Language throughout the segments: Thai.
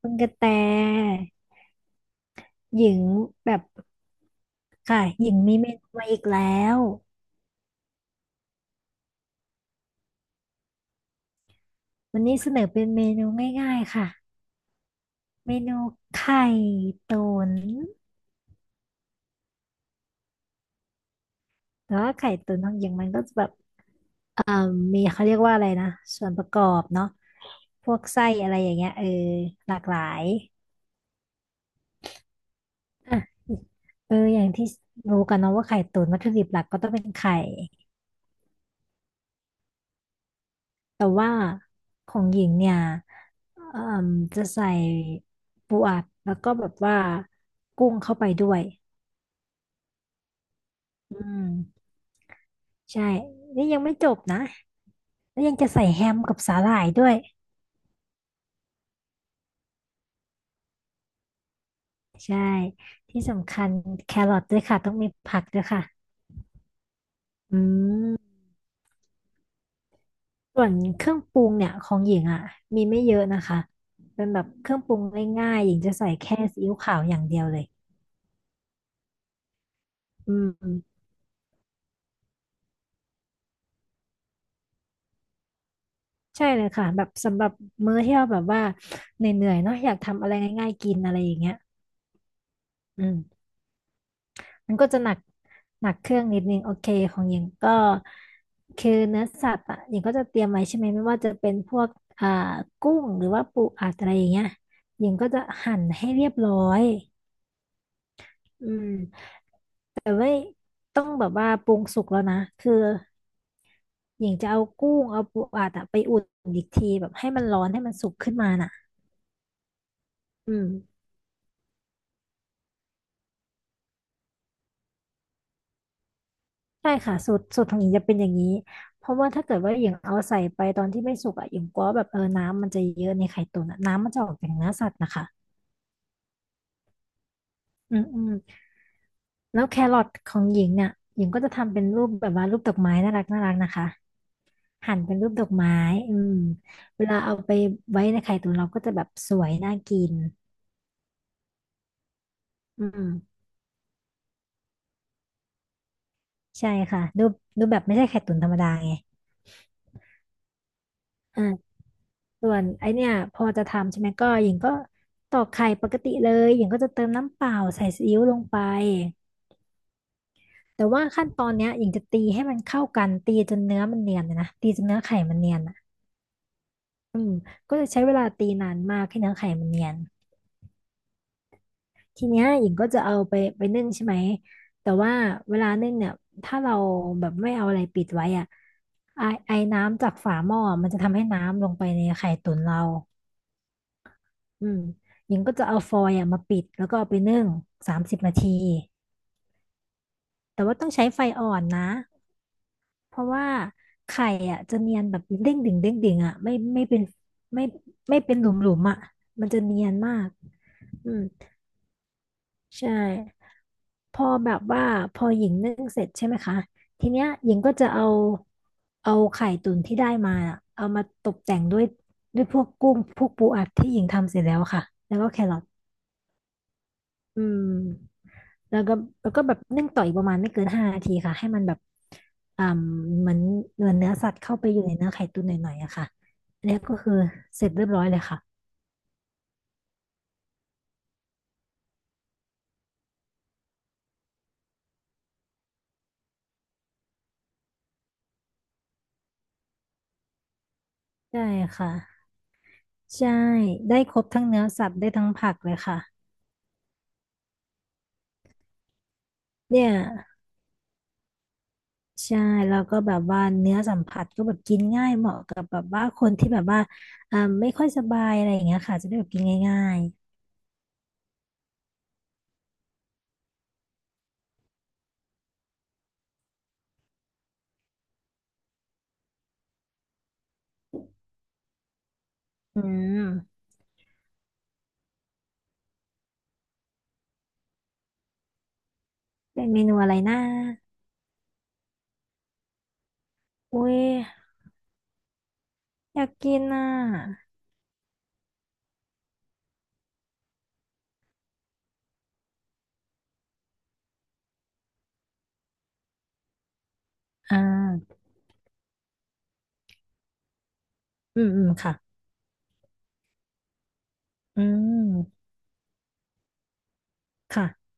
คุณกระแตหญิงแบบค่ะหญิงมีเมนูมาอีกแล้ววันนี้เสนอเป็นเมนูง่ายๆค่ะเมนูไข่ตุ๋นแต่ว่าไข่ตุ๋นของหญิงมันก็จะแบบเอ่อมีเขาเรียกว่าอะไรนะส่วนประกอบเนาะพวกไส้อะไรอย่างเงี้ยเออหลากหลายอ่ะเอออย่างที่รู้กันเนาะว่าไข่ตุ๋นวัตถุดิบหลักก็ต้องเป็นไข่ แต่ว่าของหญิงเนี่ยเอ่มจะใส่ปูอัดแล้วก็แบบว่ากุ้งเข้าไปด้วยอืมใช่นี่ยังไม่จบนะแล้วยังจะใส่แฮมกับสาหร่ายด้วยใช่ที่สำคัญแครอทด้วยค่ะต้องมีผักด้วยค่ะอืมส่วนเครื่องปรุงเนี่ยของหญิงอ่ะมีไม่เยอะนะคะเป็นแบบเครื่องปรุงง่ายๆหญิงจะใส่แค่ซีอิ๊วขาวอย่างเดียวเลยอืม ใช่เลยค่ะแบบสำหรับมื้อที่เราแบบว่าเหนื่อยๆเนาะอยากทำอะไรง่ายๆกินอะไรอย่างเงี้ยอืมมันก็จะหนักเครื่องนิดนึงโอเคของหญิงก็คือเนื้อสัตว์อ่ะหญิงก็จะเตรียมไว้ใช่ไหมไม่ว่าจะเป็นพวกอ่ากุ้งหรือว่าปูอัดอะไรอย่างเงี้ยหญิงก็จะหั่นให้เรียบร้อยอืมแต่ไม่ต้องแบบว่าปรุงสุกแล้วนะคือหญิงจะเอากุ้งเอาปูอัดอะไปอุ่นอีกทีแบบให้มันร้อนให้มันสุกขึ้นมาน่ะอืม ใช่ค่ะสูตรของหญิงจะเป็นอย่างนี้เพราะว่าถ้าเกิดว่าหญิงเอาใส่ไปตอนที่ไม่สุกอ่ะหญิงกลัวแบบเออน้ำมันจะเยอะในไข่ตุ๋นอะน้ำมันจะออกจากเนื้อสัตว์นะคะอืมอืมแล้วแครอทของหญิงเนี่ยหญิงก็จะทำเป็นรูปแบบว่ารูปดอกไม้น่ารักน่ารักนะคะหั่นเป็นรูปดอกไม้อืมเวลาเอาไปไว้ในไข่ตุ๋นเราก็จะแบบสวยน่ากินอืมใช่ค่ะรูปแบบไม่ใช่ไข่ตุ๋นธรรมดาไง ส่วนไอเนี่ยพอจะทำใช่ไหมก็หญิงก็ตอกไข่ปกติเลยหญิงก็จะเติมน้ำเปล่าใส่ซีอิ๊วลงไปแต่ว่าขั้นตอนเนี้ยหญิงจะตีให้มันเข้ากันตีจนเนื้อมันเนียนเลยนะตีจนเนื้อไข่มันเนียนอ่ะอืมก็จะใช้เวลาตีนานมากให้เนื้อไข่มันเนียนทีเนี้ยหญิงก็จะเอาไปนึ่งใช่ไหมแต่ว่าเวลานึ่งเนี่ยถ้าเราแบบไม่เอาอะไรปิดไว้อ่ะไอไอน้ำจากฝาหม้อมันจะทำให้น้ำลงไปในไข่ตุ๋นเรา อืมหญิงก็จะเอาฟอยล์อะมาปิดแล้วก็เอาไปนึ่ง30 นาทีแต่ว่าต้องใช้ไฟอ่อนนะเพราะว่าไข่อ่ะจะเนียนแบบเด้งดึงเด้งดึงอ่ะไม่เป็นไม่ไม่เป็นหลุมหลุมอ่ะมันจะเนียนมากอืมใช่พอแบบว่าพอหญิงนึ่งเสร็จใช่ไหมคะทีเนี้ยหญิงก็จะเอาไข่ตุ๋นที่ได้มาอะเอามาตกแต่งด้วยพวกกุ้งพวกปูอัดที่หญิงทำเสร็จแล้วค่ะแล้วก็แครอท อืมแล้วก็แล้วก็แบบนึ่งต่ออีกประมาณไม่เกิน5 นาทีค่ะให้มันแบบอ่าเหมือนเหมือนเนื้อสัตว์เข้าไปอยู่ในเนื้อไข่ตุ๋นหน่อยๆอะค่ะแล้วก็คือเสร็จเรียบร้อยเลยค่ะใช่ค่ะใช่ได้ครบทั้งเนื้อสัตว์ได้ทั้งผักเลยค่ะเนี่ยใช่แล้วก็แบบว่าเนื้อสัมผัสก็แบบกินง่ายเหมาะกับแบบว่าคนที่แบบว่าอ่าไม่ค่อยสบายอะไรอย่างเงี้ยค่ะจะได้แบบกินง่ายๆอืมเป็นเมนูอะไรนะอุ้ยอยากกินอ่ะ อ่าอืมอืมค่ะอืมค่ะ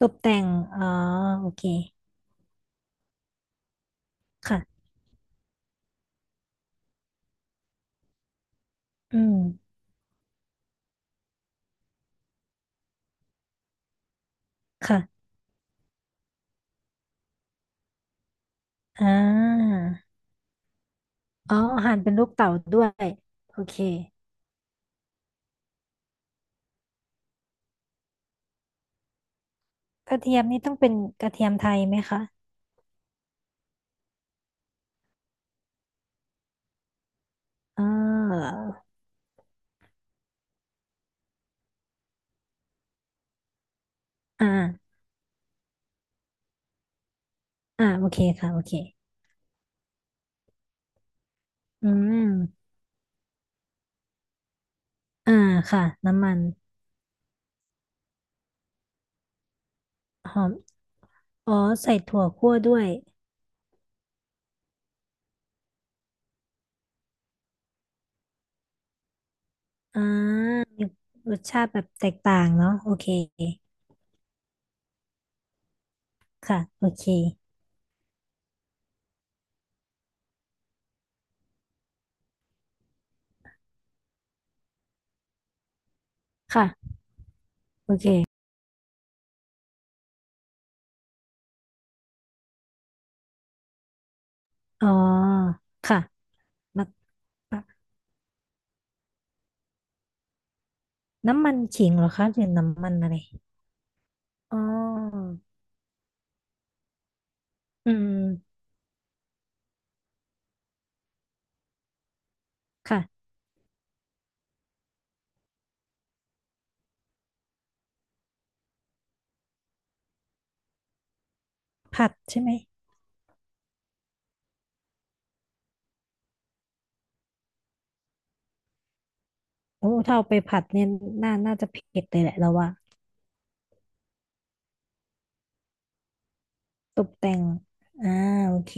ตกแต่งอ๋อโอเคค่ะอืมค่ะอ่าอ๋อหั่นเป็นลูกเต๋าด้วย โอเค กระเทียมนี่ต้องเป็นกระเทียมไทยไหมคะอ่าอ่าอ่าโอเคค่ะโอเคอืมอ่าค่ะน้ำมันหอมอ๋อใส่ถั่วคั่วด้วยอ่ามีรสชาติแบบแตกต่างเนาะโอเคค่ะโอเคค่ะโอเคอ๋อค่ะ น้ำปะน้ำมันขิงเหรอคะหรือน้ำมันอะไรอ๋ออืมค่ะผัดใช่ไหมโอ้ถ้าเอาไปผัดเนี่ยน่าน่าจะเผ็ดเลยแหละเราว่าตกแต่งอ่าโอเค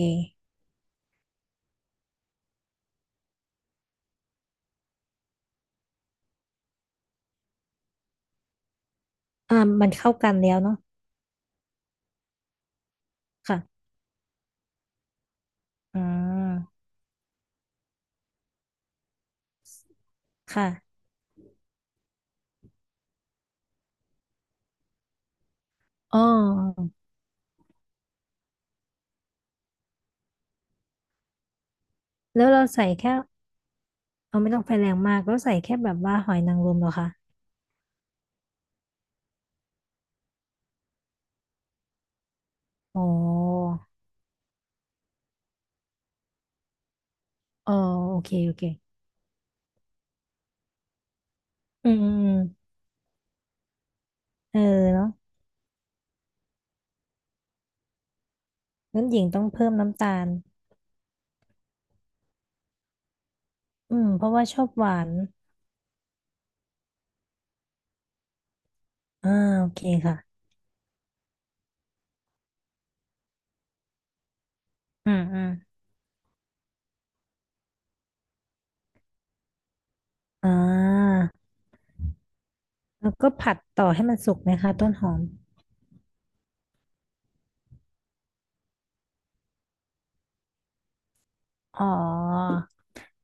อ่ามันเข้ากันแล้วเนาะค่ะอ่าค่ะอ๋อแล้วเราใส่แค่เอาไม่ต้องไฟแรงมากก็ใส่แค่แบบว่าหอยนางรมเหรอคะอ๋ออ๋อโอเคโอเคอืมออเออเนาะงั้นหญิงต้องเพิ่มน้ำตาลอืมเพราะว่าชอบหวาน อ่าโอเคค่ะอืมอืมอ่าแล้วก็ผัดต่อให้มันสุกไหมคะต้นหอมอ๋อ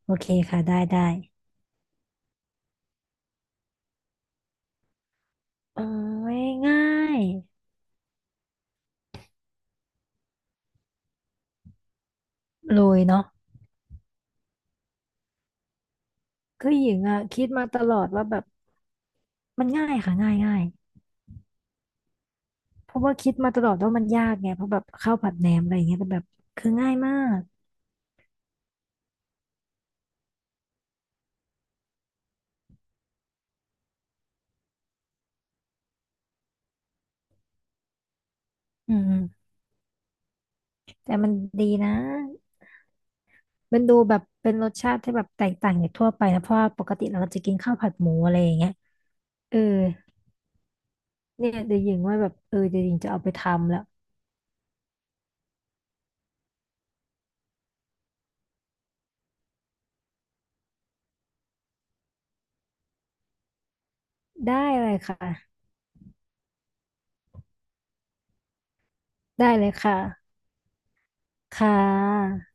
โอเคค่ะได้ได้โอ้ยง่ายโรยเนาะคือหญิงอ่ะคิดมาตลอดว่าแบบมันง่ายค่ะง่ายง่ายเพราะว่าคิดมาตลอดว่ามันยากไงเพราะแบบข้าวผัดแหนมอะไรอย่างเงี้ยแต่แบบคือง่ายมากอืมแต่มันดีนะมันดูแบบเป็นรสชาติที่แบบแตกต่างจากทั่วไปนะเพราะว่าปกติเราจะกินข้าวผัดหมูอะไรอย่างเงี้ยเออ เนี่ยเดี๋ยวหญิงว่าแบบเออเดี๋ยวหญิงจะเอาไปทำแล้วได้เลยค่ะได้เลยค่ะค่ะ